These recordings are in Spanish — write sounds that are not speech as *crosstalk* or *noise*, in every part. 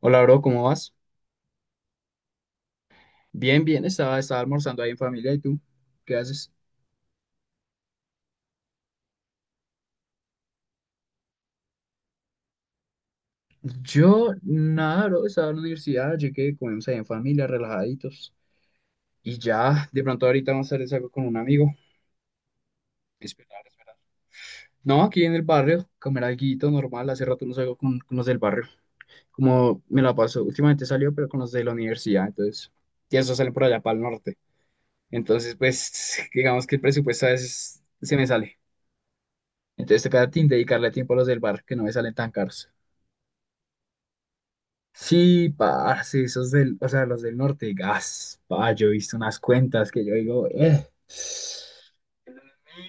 Hola, bro, ¿cómo vas? Bien, bien, estaba almorzando ahí en familia. ¿Y tú? ¿Qué haces? Yo, nada, bro, estaba en la universidad, llegué, comimos ahí en familia, relajaditos. Y ya, de pronto ahorita más tarde salgo con un amigo. Esperar, esperar. No, aquí en el barrio, comer alguito normal. Hace rato no salgo con los del barrio. Como me la paso, últimamente salió, pero con los de la universidad, entonces. Y esos salen por allá, para el norte. Entonces, pues, *laughs* digamos que el presupuesto a veces se me sale. Entonces, toca dedicarle tiempo a los del barrio, que no me salen tan caros. Sí, parce, esos del, o sea, los del norte, gas, pa, yo he visto unas cuentas que yo digo,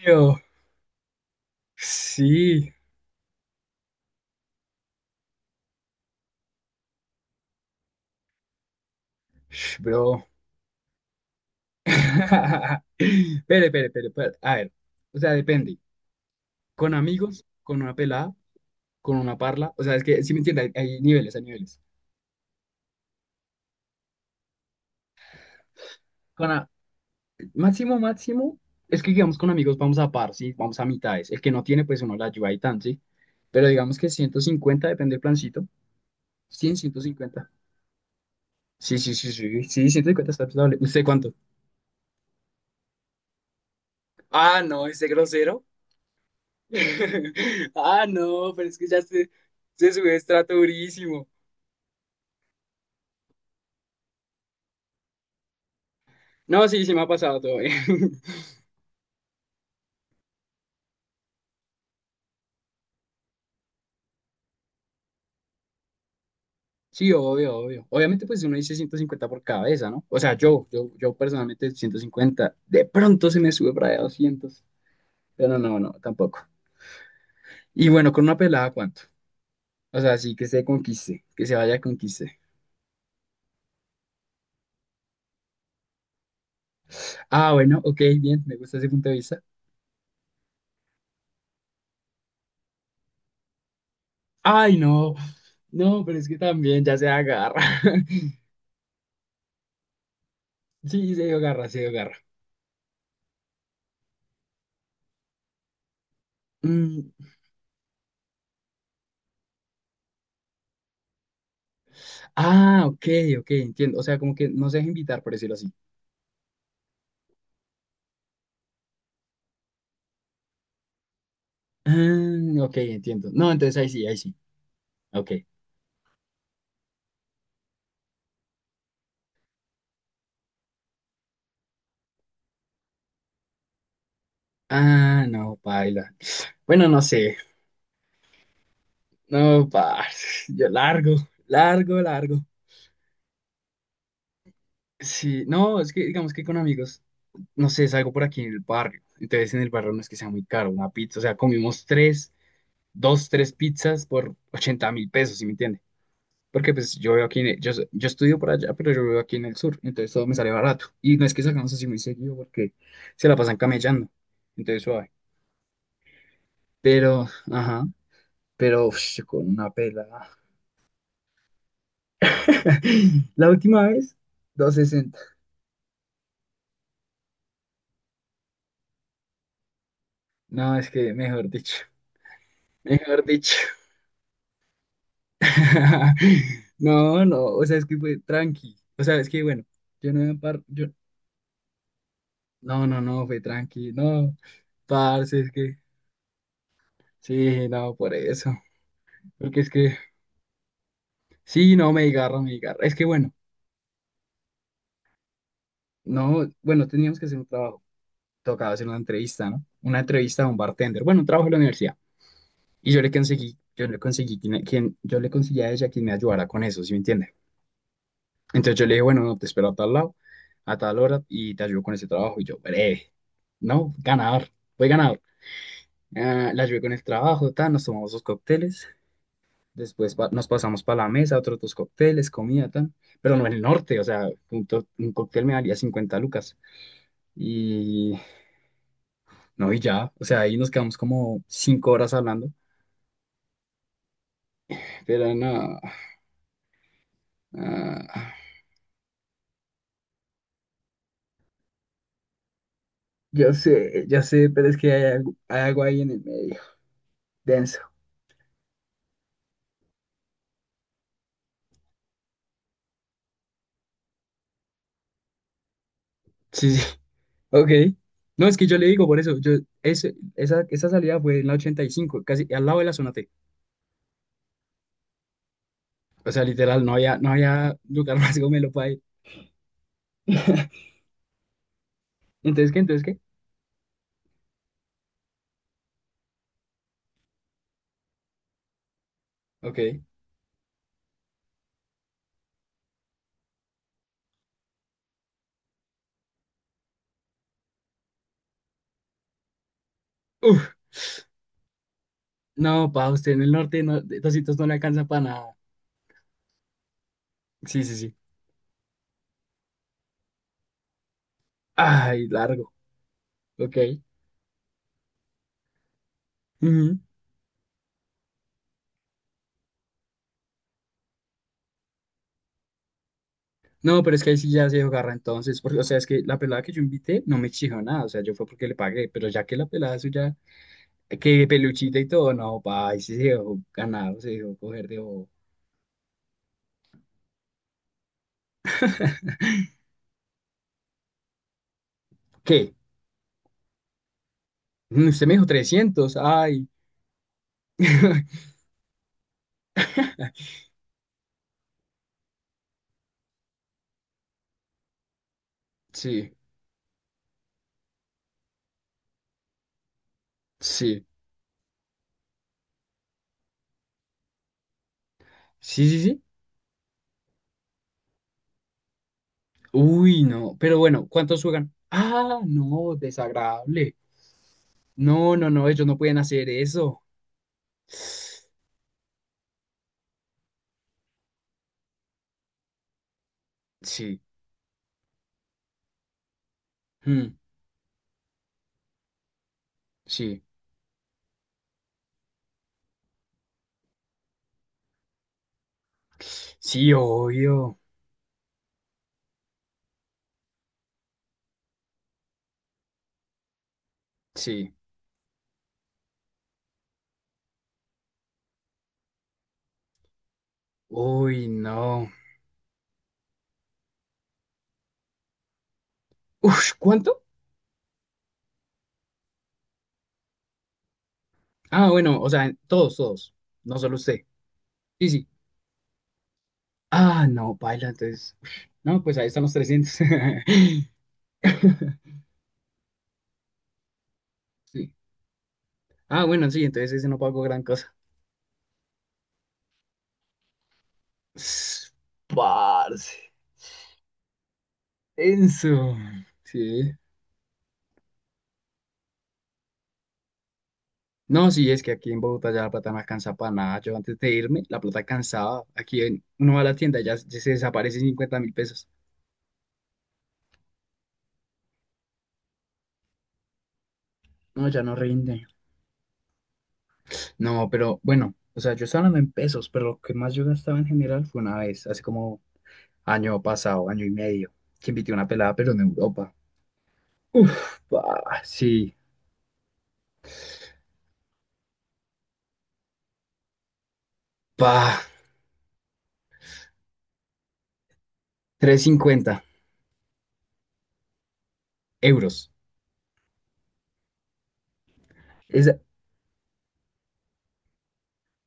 mío, sí, bro. *laughs* Espere, espere, espere, espere, a ver, o sea, depende, con amigos, con una pelada, con una parla, o sea, es que, ¿si me entiendes? Hay niveles, hay niveles. Con a- Máximo, máximo, es que digamos con amigos vamos a par, sí, vamos a mitades, el que no tiene, pues uno la ayuda y tan, sí, pero digamos que 150 depende del plancito, 100, 150. Sí, sí, sí, sí, sí, 150 está razonable. ¿Usted cuánto? Ah, no, ese grosero. *laughs* Ah, no, pero es que ya se sube de estrato durísimo. No, sí, sí me ha pasado todo bien. *laughs* Sí, obvio, obvio. Obviamente, pues uno dice 150 por cabeza, ¿no? O sea, yo personalmente 150. De pronto se me sube para allá 200. Pero no, no, tampoco. Y bueno, con una pelada, ¿cuánto? O sea, sí, que se conquiste, que se vaya a conquiste. Ah, bueno, ok, bien, me gusta ese punto de vista. Ay, no, no, pero es que también ya se agarra. *laughs* Sí, se dio garra, se dio garra. Mm, ah, ok, ok, entiendo. O sea, como que no se deja invitar, por decirlo así. Ah, ok, entiendo. No, entonces ahí sí, ahí sí. Ok. Ah, no, paila. Bueno, no sé. No, pa, *laughs* *sighs* yo largo, largo, largo. Sí, no, es que digamos que con amigos, no sé, salgo por aquí en el barrio. Entonces en el barrio no es que sea muy caro una pizza. O sea, comimos tres, dos, tres pizzas por 80.000 pesos, ¿sí me entiendes? Porque pues yo veo aquí, en el- yo, so- yo estudio por allá, pero yo vivo aquí en el sur, entonces todo me sale barato. Y no es que salgamos así muy seguido porque se la pasan camellando, entonces suave. Pero, ajá, pero uf, yo con una pela. *laughs* La última vez, 260. No, es que mejor dicho, mejor dicho. *laughs* No, no, o sea, es que fue tranqui. O sea, es que bueno, yo no me par, yo, no, no, no, fue tranqui, no, parce, es que, sí, no, por eso. Porque es que, sí, no, me desgarra, me desgarra. Es que bueno, no, bueno, teníamos que hacer un trabajo. Tocaba hacer una entrevista, ¿no? Una entrevista a un bartender. Bueno, un trabajo en la universidad. Y yo le conseguí a ella quien me ayudara con eso, ¿sí me entiende? Entonces yo le dije, bueno, no, te espero a tal lado, a tal hora y te ayudo con ese trabajo. Y yo, breve, no, ganador, fue ganador. Ah, la ayudé con el trabajo, tal, nos tomamos dos cócteles. Después nos pasamos para la mesa, otros dos cócteles, comida, tal. Pero no en el norte, o sea, un cóctel me valía 50 lucas. Y no, y ya, o sea, ahí nos quedamos como 5 horas hablando. Pero no, ah, ya sé, pero es que hay algo ahí en el medio, denso. Sí, sí, *laughs* ok. No, es que yo le digo por eso, yo, esa salida fue en la 85 casi al lado de la zona T. O sea, literal, no había lugar *laughs* más gomelo para ir. *laughs* ¿Entonces qué? ¿Entonces qué? Ok. Uf, no, pa, usted en el norte no, 200 no le alcanza para nada. Sí, sí, sí. Ay, largo. Ok. Ujú. No, pero es que ahí sí ya se agarra entonces, porque, o sea, es que la pelada que yo invité no me exigió nada, o sea, yo fue porque le pagué, pero ya que la pelada suya, que peluchita y todo, no, pa, ahí sí se dejó ganar, se dejó coger de bobo. ¿Qué? Mm, usted me dijo 300, ay. *laughs* Sí, sí, sí, sí, sí. Uy, no, pero bueno, ¿cuántos juegan? Ah, no, desagradable. No, no, no, ellos no pueden hacer eso. Sí, mm, sí, sí, obvio, sí. Uy, no. Uf, ¿cuánto? Ah, bueno, o sea, todos, todos. No solo usted. Sí, sí. Ah, no, paila, entonces. Uf, no, pues ahí están los 300. *laughs* Sí. Ah, bueno, sí, entonces ese no pago gran cosa. *sniffs* Ss, parce. Eso. Sí. No, sí, es que aquí en Bogotá ya la plata no alcanza para nada. Yo antes de irme, la plata cansaba. Uno va a la tienda, y ya, ya se desaparecen 50.000 pesos. No, ya no rinde. No, pero bueno, o sea, yo estaba hablando en pesos, pero lo que más yo gastaba en general fue una vez, hace como año pasado, año y medio, que invité a una pelada, pero en Europa. Uf, pa, sí, pa, 350 euros. Es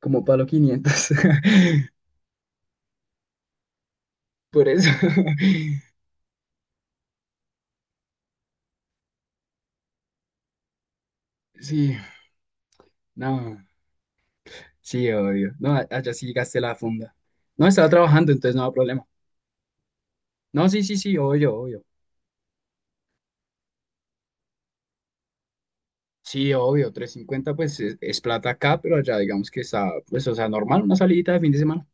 como palo 500. *laughs* Por eso, *laughs* sí, no, sí, obvio. No, a- Allá sí gasté la funda. No, estaba trabajando, entonces no había problema. No, sí, sí, sí, obvio, obvio. Sí, obvio, 350, pues es plata acá, pero allá digamos que está, pues, o sea, normal, una salidita de fin de semana.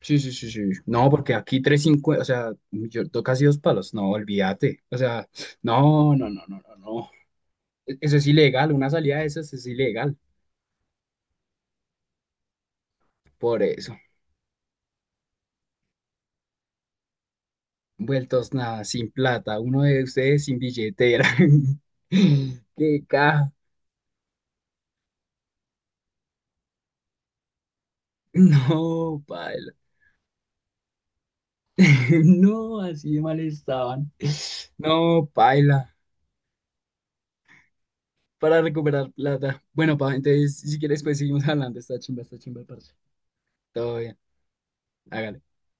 Sí, sí, sí, sí. No, porque aquí 350, o sea, casi dos palos, no, olvídate. O sea, no, no, no, no, no, no. Eso es ilegal, una salida de esas es ilegal. Por eso, vueltos nada, sin plata, uno de ustedes sin billetera. *laughs* Qué caja. No, paila. *laughs* No, así de mal estaban. No, paila. Para recuperar plata. Bueno, pa, entonces, si quieres, pues seguimos *laughs* hablando. Está chimba, parce. Todo bien, hágale.